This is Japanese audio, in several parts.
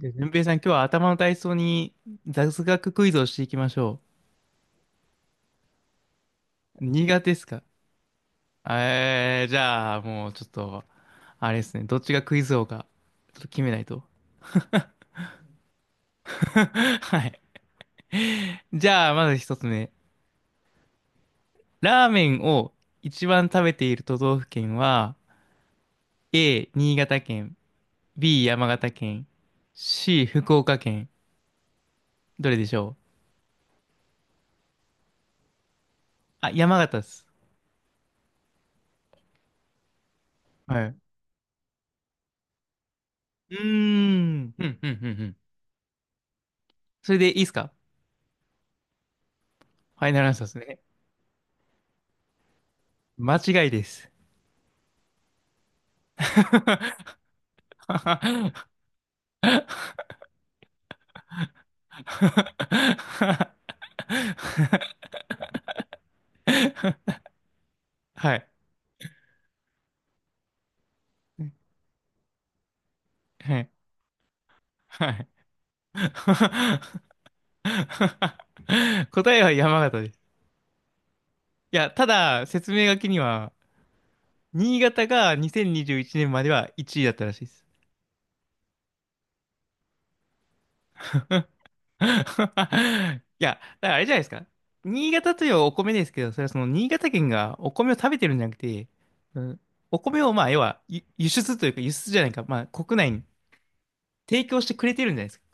で、順平さん、今日は頭の体操に雑学クイズをしていきましょう。苦手ですか？じゃあ、もうちょっと、あれですね、どっちがクイズ王か、ちょっと決めないと。はい。じゃあ、まず一つ目。ラーメンを一番食べている都道府県は、A、新潟県、B、山形県、C、福岡県。どれでしょう？あ、山形です。はい。うーん。うん、うん、うん、うん。それでいいですか？ファイナルアンサーですね。間違いです。はい。はい。はい。答えは山形です。いや、ただ、説明書きには、新潟が2021年までは1位だったらしいです。いや、だからあれじゃないですか？新潟というお米ですけど、それはその新潟県がお米を食べてるんじゃなくて、うん、お米をまあ、要は輸出というか輸出じゃないか、まあ、国内に提供してくれてるんじゃないですか？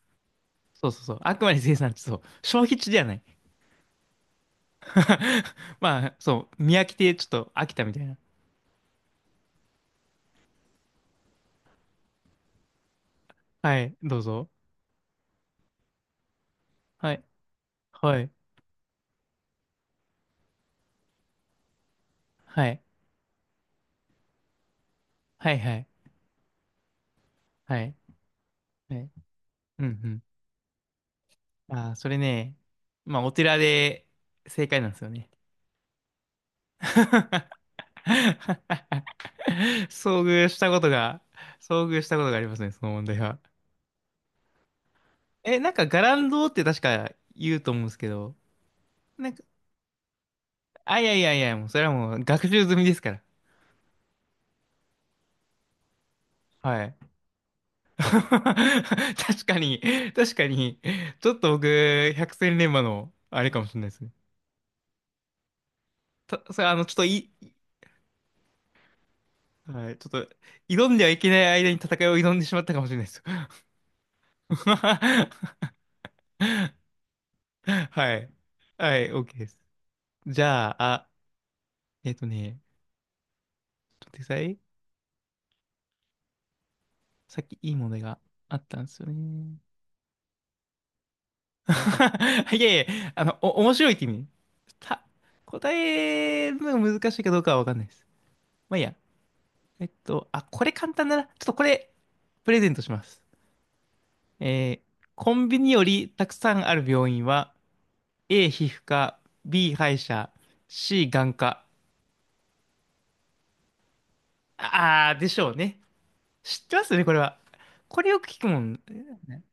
そうそうそう。あくまで生産地、そう。消費地ではない。まあ、そう。見飽きて、ちょっと飽きたみたいな。はい、どうぞ。はい、はい、はい、はい、はい、はい、はい。うん、うん。ああ、それね、まあ、お寺で正解なんですよね。遭遇したことが、遭遇したことがありますね、その問題は。え、なんか、伽藍堂って確か言うと思うんですけど、なんか、あ、いやいやいや、もう、それはもう学習済みですから。はい。確かに、確かに、ちょっと僕、百戦錬磨の、あれかもしれないですね。それ、ちょっとい、はい、ちょっと、挑んではいけない間に戦いを挑んでしまったかもしれないです。はい。はい、OK です。じゃあ、あ、えっとね、ちょっと待ってください。さっきいい問題があったんですよね。いやいや、面白いって意味。た、答えるのが難しいかどうかはわかんないです。まあいいや。あ、これ簡単だな。ちょっとこれ、プレゼントします。コンビニよりたくさんある病院は、A 皮膚科、B 歯医者、C 眼科。あー、でしょうね。知ってますよね、これは。これよく聞くもん。ね。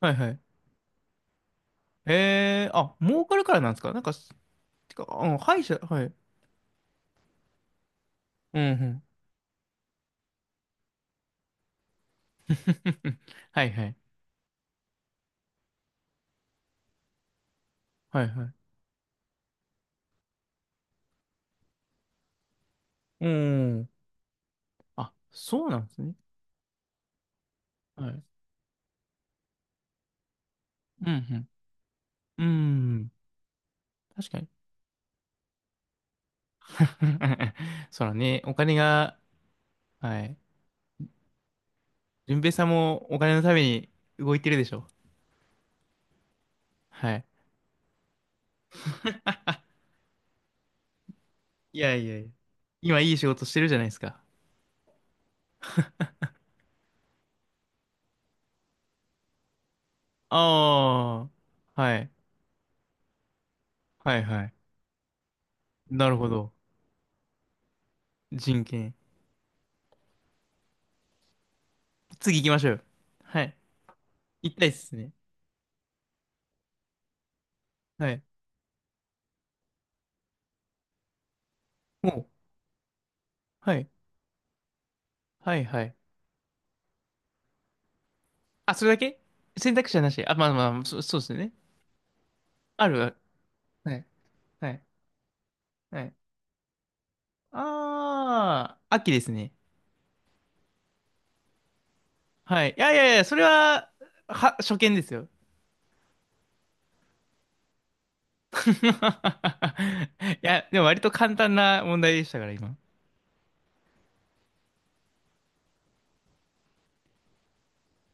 はいはい。あ、儲かるからなんですか？なんか、てか、うん、歯医者、はい。うんうん。はいはい。はいはい。うん。あ、そうなんですね。はい。うんうん。うん。確かに。そらね、お金が、はい。順平さんもお金のために動いてるでしょ？はい。いやいやいや。今いい仕事してるじゃないですか？ああ、はい。はいはい。なるほど。人権。次行きましょう。はい。行きたいっすね。はい。もう、はい。はいはい。あ、それだけ選択肢はなし。あ、まあまあ、そうですよね。あるある。はい。はい。はい。ああ、秋ですね。はい。いやいやいや、それは、初見ですよ。いや、でも割と簡単な問題でしたから、今。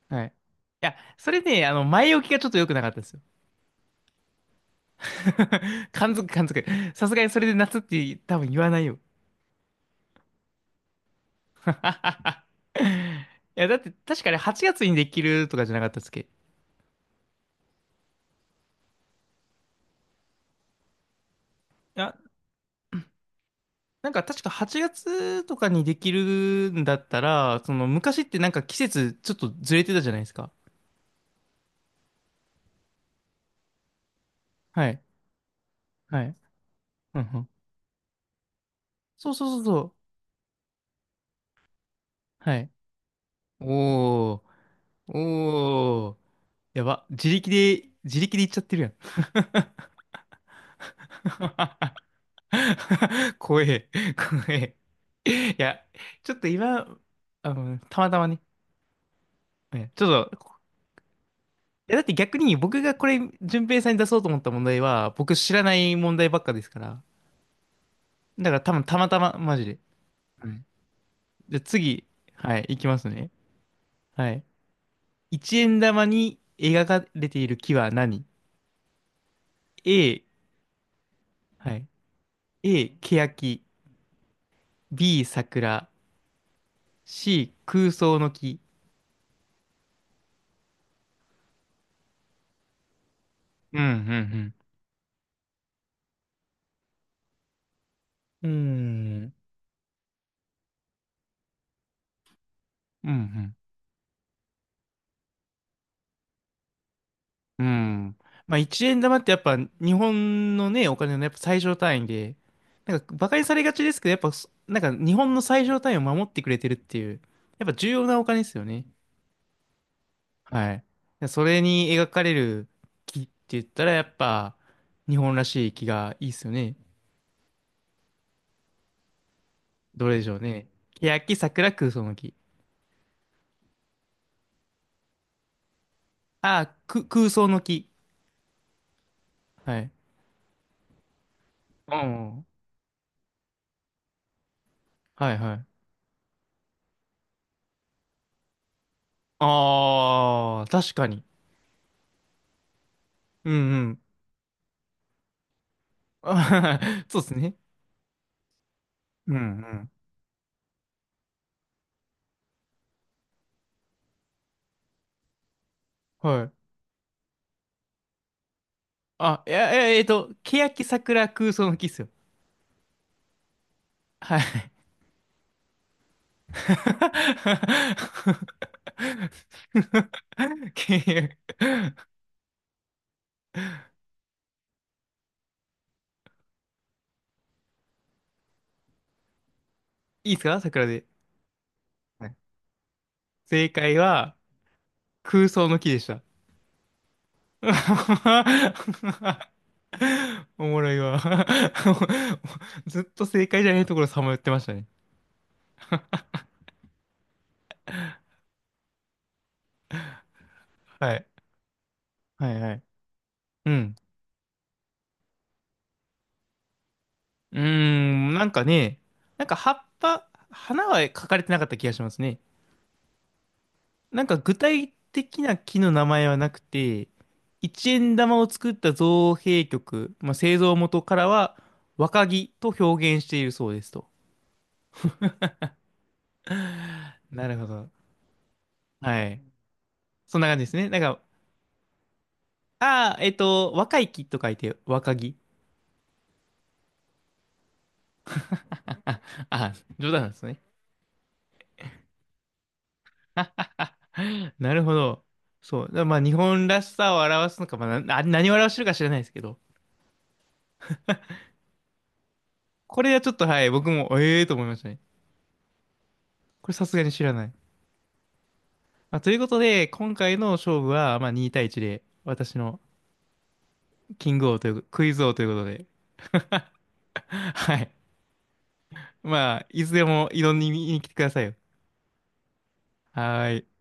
はい。いや、それね、前置きがちょっと良くなかったですよ。感づく、感づく。さすがにそれで夏って多分言わないよ。いや、だって確かに8月にできるとかじゃなかったっすっけ？いや、なんか確か8月とかにできるんだったら、その昔ってなんか季節ちょっとずれてたじゃないですか？はい。はい。うんうん。そうそうそうそう。はい。おー。おー。やば。自力で、自力で行っちゃってるやん。怖え。怖え。いや、ちょっと今、たまたまね。ね。ちょっと、いやだって逆に僕がこれ、順平さんに出そうと思った問題は、僕知らない問題ばっかですから。だから多分たまたま、マジで。はい。じゃあ次、はい、いきますね。はい。一円玉に描かれている木は何？ A、はい。A、欅。B、桜。C、空想の木。うん、うん、うん。うん、うん、うん。まあ、1円玉ってやっぱ日本のね、お金のねやっぱ最小単位で、なんか馬鹿にされがちですけど、やっぱそ、なんか日本の最小単位を守ってくれてるっていう、やっぱ重要なお金ですよね。はい。でそれに描かれる木って言ったらやっぱ日本らしい木がいいですよね。どれでしょうね。欅、桜、空想の木。ああ、空想の木。はい。うん。はいはい。ああ、確かに。うんうん。あ そうですね。うんうん。はい。あ、いや、いや欅桜空想の木っすよ。はい。欅。いいっすか、桜で？はい。正解は、空想の木でした。おもろいわ。ずっと正解じゃないところさまよってましたね。はい。はいはい。うん。うーん、なんかね、なんか葉っぱ、花は描かれてなかった気がしますね。なんか具体的な木の名前はなくて、一円玉を作った造幣局、まあ、製造元からは若木と表現しているそうですと。なるほど。はい。そんな感じですね。なんか、ああ、若い木と書いて若木。あ、あ、冗談なんですね。なるほど。そう。だからまあ日本らしさを表すのか、まあ、何を表してるか知らないですけど。これはちょっとはい、僕も、ええーと思いましたね。これさすがに知らない。まあ、ということで、今回の勝負は、まあ、2対1で、私のキング王という、クイズ王ということで、はい。まあ、いつでも挑みに来てくださいよ。はーい。